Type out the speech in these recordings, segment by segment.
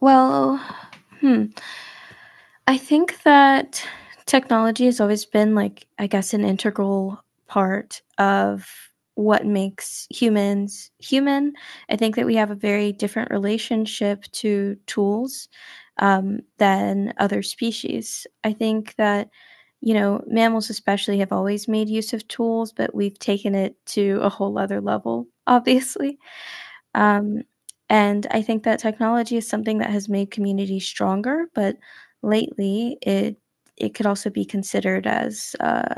Well, hmm, I think that technology has always been like, I guess, an integral part of what makes humans human. I think that we have a very different relationship to tools than other species. I think that, you know, mammals especially have always made use of tools, but we've taken it to a whole other level, obviously. Um, and I think that technology is something that has made communities stronger, but lately it could also be considered as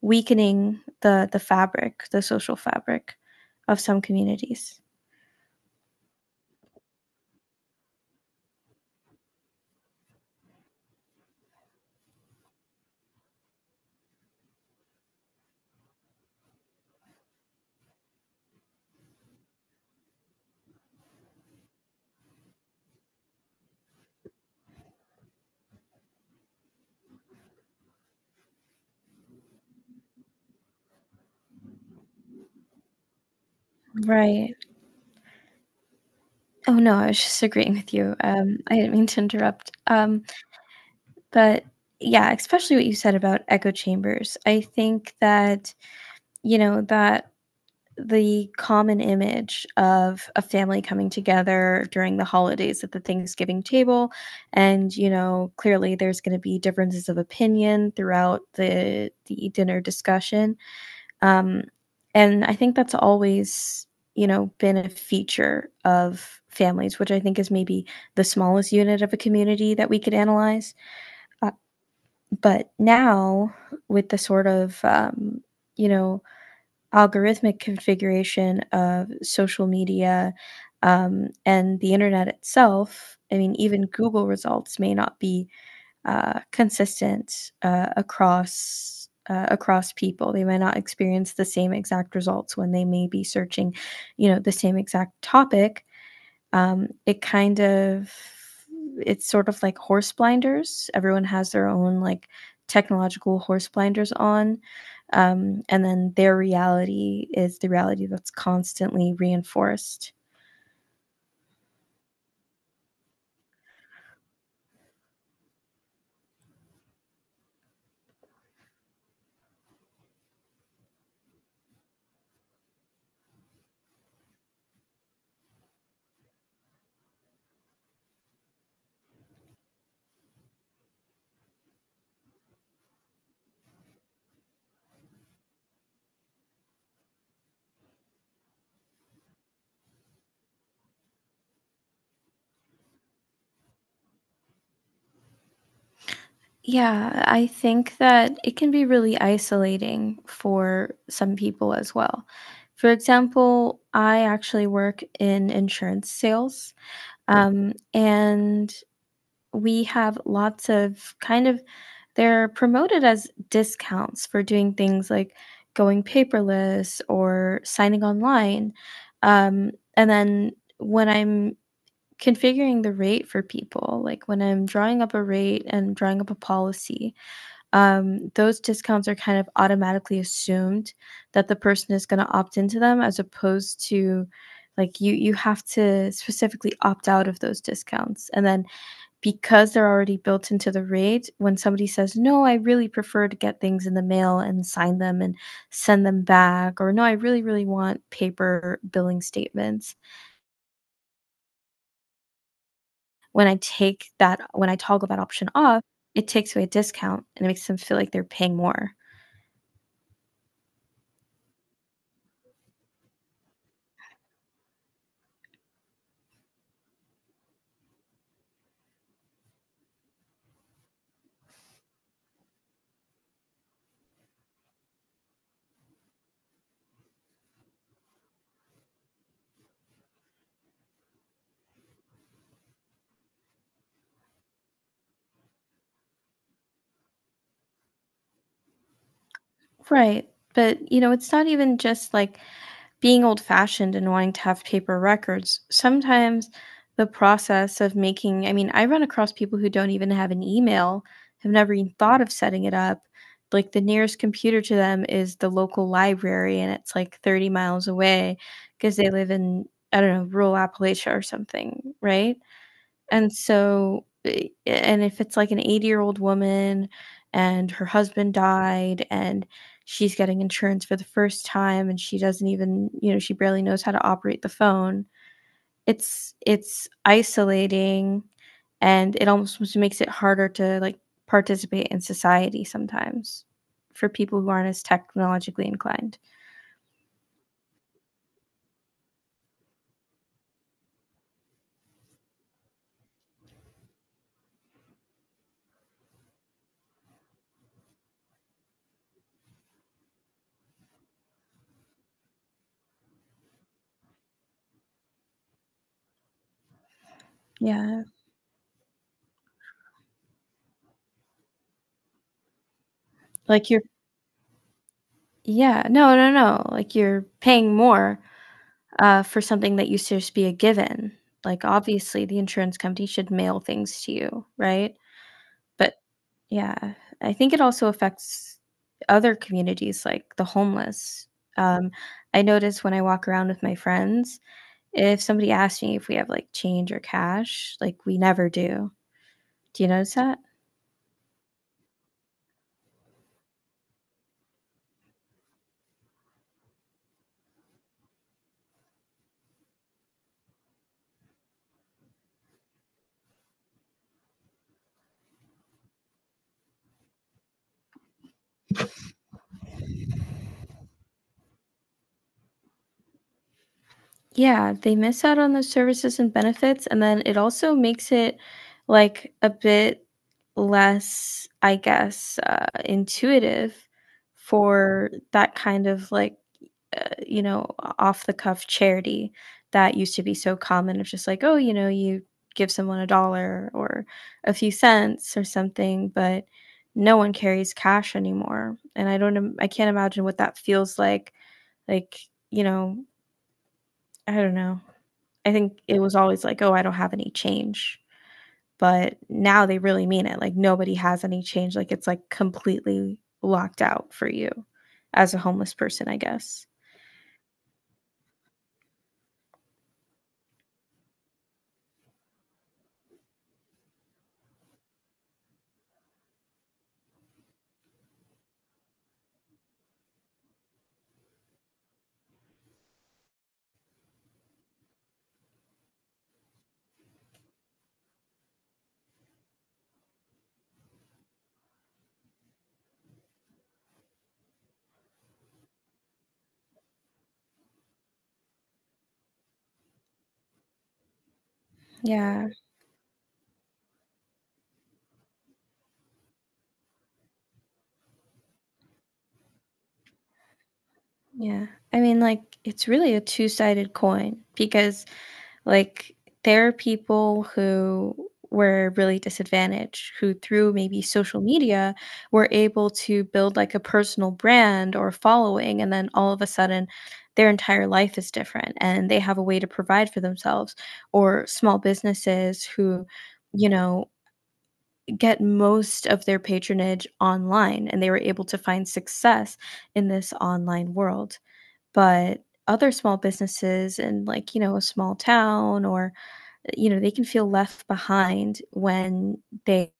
weakening the fabric, the social fabric of some communities. Right. Oh no, I was just agreeing with you. I didn't mean to interrupt. But yeah, especially what you said about echo chambers. I think that you know that the common image of a family coming together during the holidays at the Thanksgiving table. And, you know, clearly there's going to be differences of opinion throughout the dinner discussion. Um, and I think that's always, you know, been a feature of families, which I think is maybe the smallest unit of a community that we could analyze. Uh, but now, with the sort of, you know, algorithmic configuration of social media and the internet itself, I mean, even Google results may not be consistent across people. They might not experience the same exact results when they may be searching, you know, the same exact topic. Um, it kind of it's sort of like horse blinders. Everyone has their own, like, technological horse blinders on, and then their reality is the reality that's constantly reinforced. Yeah, I think that it can be really isolating for some people as well. For example, I actually work in insurance sales. Mm. And we have lots of kind of— they're promoted as discounts for doing things like going paperless or signing online. And then when I'm configuring the rate for people, like when I'm drawing up a rate and drawing up a policy, those discounts are kind of automatically assumed that the person is going to opt into them, as opposed to, like, you have to specifically opt out of those discounts, and then because they're already built into the rate, when somebody says, "No, I really prefer to get things in the mail and sign them and send them back," or, "No, I really, really want paper billing statements," when I toggle that option off, it takes away a discount and it makes them feel like they're paying more. Right, but, you know, it's not even just, like, being old fashioned and wanting to have paper records. Sometimes the process of making— I mean, I run across people who don't even have an email, have never even thought of setting it up. Like, the nearest computer to them is the local library and it's like 30 miles away because they live in, I don't know, rural Appalachia or something, right? And so, eh, and if it's like an 80-year-old woman and her husband died and she's getting insurance for the first time and she doesn't even, you know, she barely knows how to operate the phone, it's isolating and it almost makes it harder to, like, participate in society sometimes for people who aren't as technologically inclined. Yeah. Like, you're— yeah, no, no, no. Like, you're paying more for something that used to just be a given. Like, obviously, the insurance company should mail things to you, right? But yeah, I think it also affects other communities, like the homeless. Um, I notice when I walk around with my friends, if somebody asks me if we have like change or cash, like, we never do. Do you notice that? Yeah, they miss out on those services and benefits, and then it also makes it, like, a bit less, I guess, intuitive for that kind of, like, uh, you know, off the cuff charity that used to be so common of, just like, "Oh, you know, you give someone a dollar or a few cents or something," but no one carries cash anymore, and I don't im I can't imagine what that feels like, you know, I don't know. I think it was always like, "Oh, I don't have any change." But now they really mean it. Like, nobody has any change. Like, it's, like, completely locked out for you as a homeless person, I guess. Yeah, yeah. I mean, like, it's really a two-sided coin because— like, there are people who were really disadvantaged, who through maybe social media were able to build like a personal brand or following, and then all of a sudden their entire life is different and they have a way to provide for themselves, or small businesses who, you know, get most of their patronage online and they were able to find success in this online world. But other small businesses in, like, you know, a small town, or, you know, they can feel left behind when they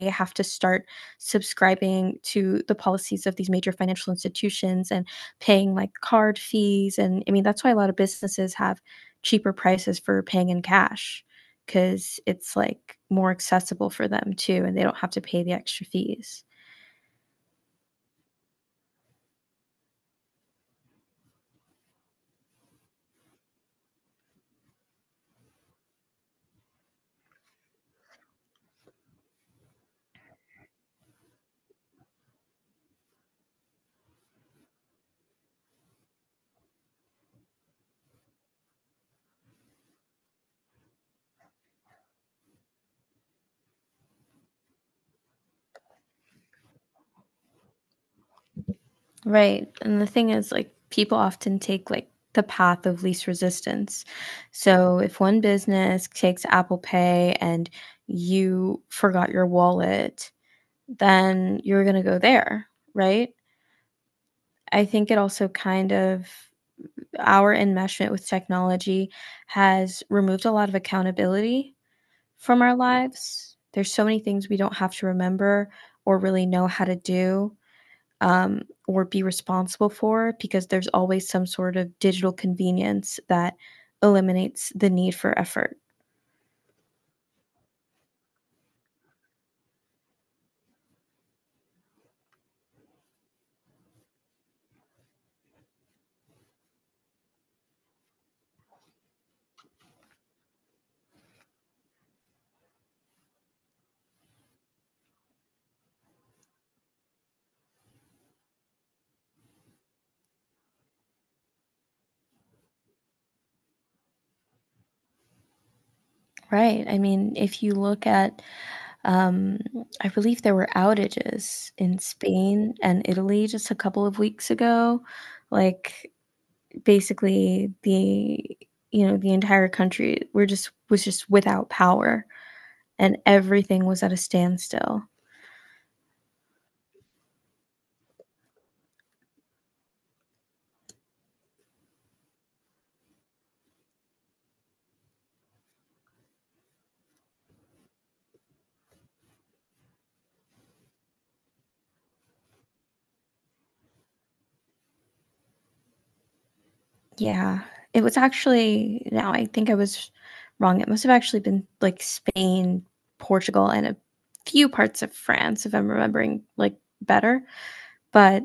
have to start subscribing to the policies of these major financial institutions and paying like card fees, and I mean that's why a lot of businesses have cheaper prices for paying in cash, because it's like more accessible for them too and they don't have to pay the extra fees. Right. And the thing is, like, people often take like the path of least resistance. So if one business takes Apple Pay and you forgot your wallet, then you're going to go there, right? I think it also kind of— our enmeshment with technology has removed a lot of accountability from our lives. There's so many things we don't have to remember or really know how to do, um, or be responsible for, because there's always some sort of digital convenience that eliminates the need for effort. Right. I mean, if you look at, um, I believe there were outages in Spain and Italy just a couple of weeks ago. Like, basically the you know the entire country were just was just without power and everything was at a standstill. Yeah. It was actually— now I think I was wrong, it must have actually been, like, Spain, Portugal, and a few parts of France, if I'm remembering, like, better, but,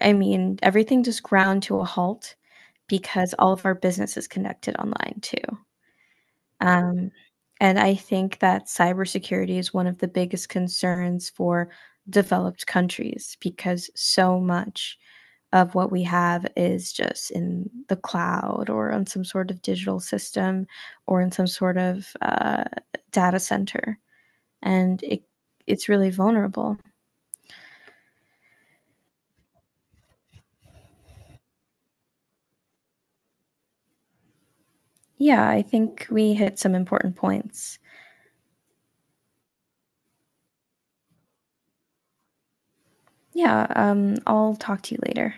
I mean, everything just ground to a halt because all of our business is connected online too, um, and I think that cybersecurity is one of the biggest concerns for developed countries because so much of what we have is just in the cloud or on some sort of digital system or in some sort of data center. And it's really vulnerable. Yeah, I think we hit some important points. Yeah, I'll talk to you later.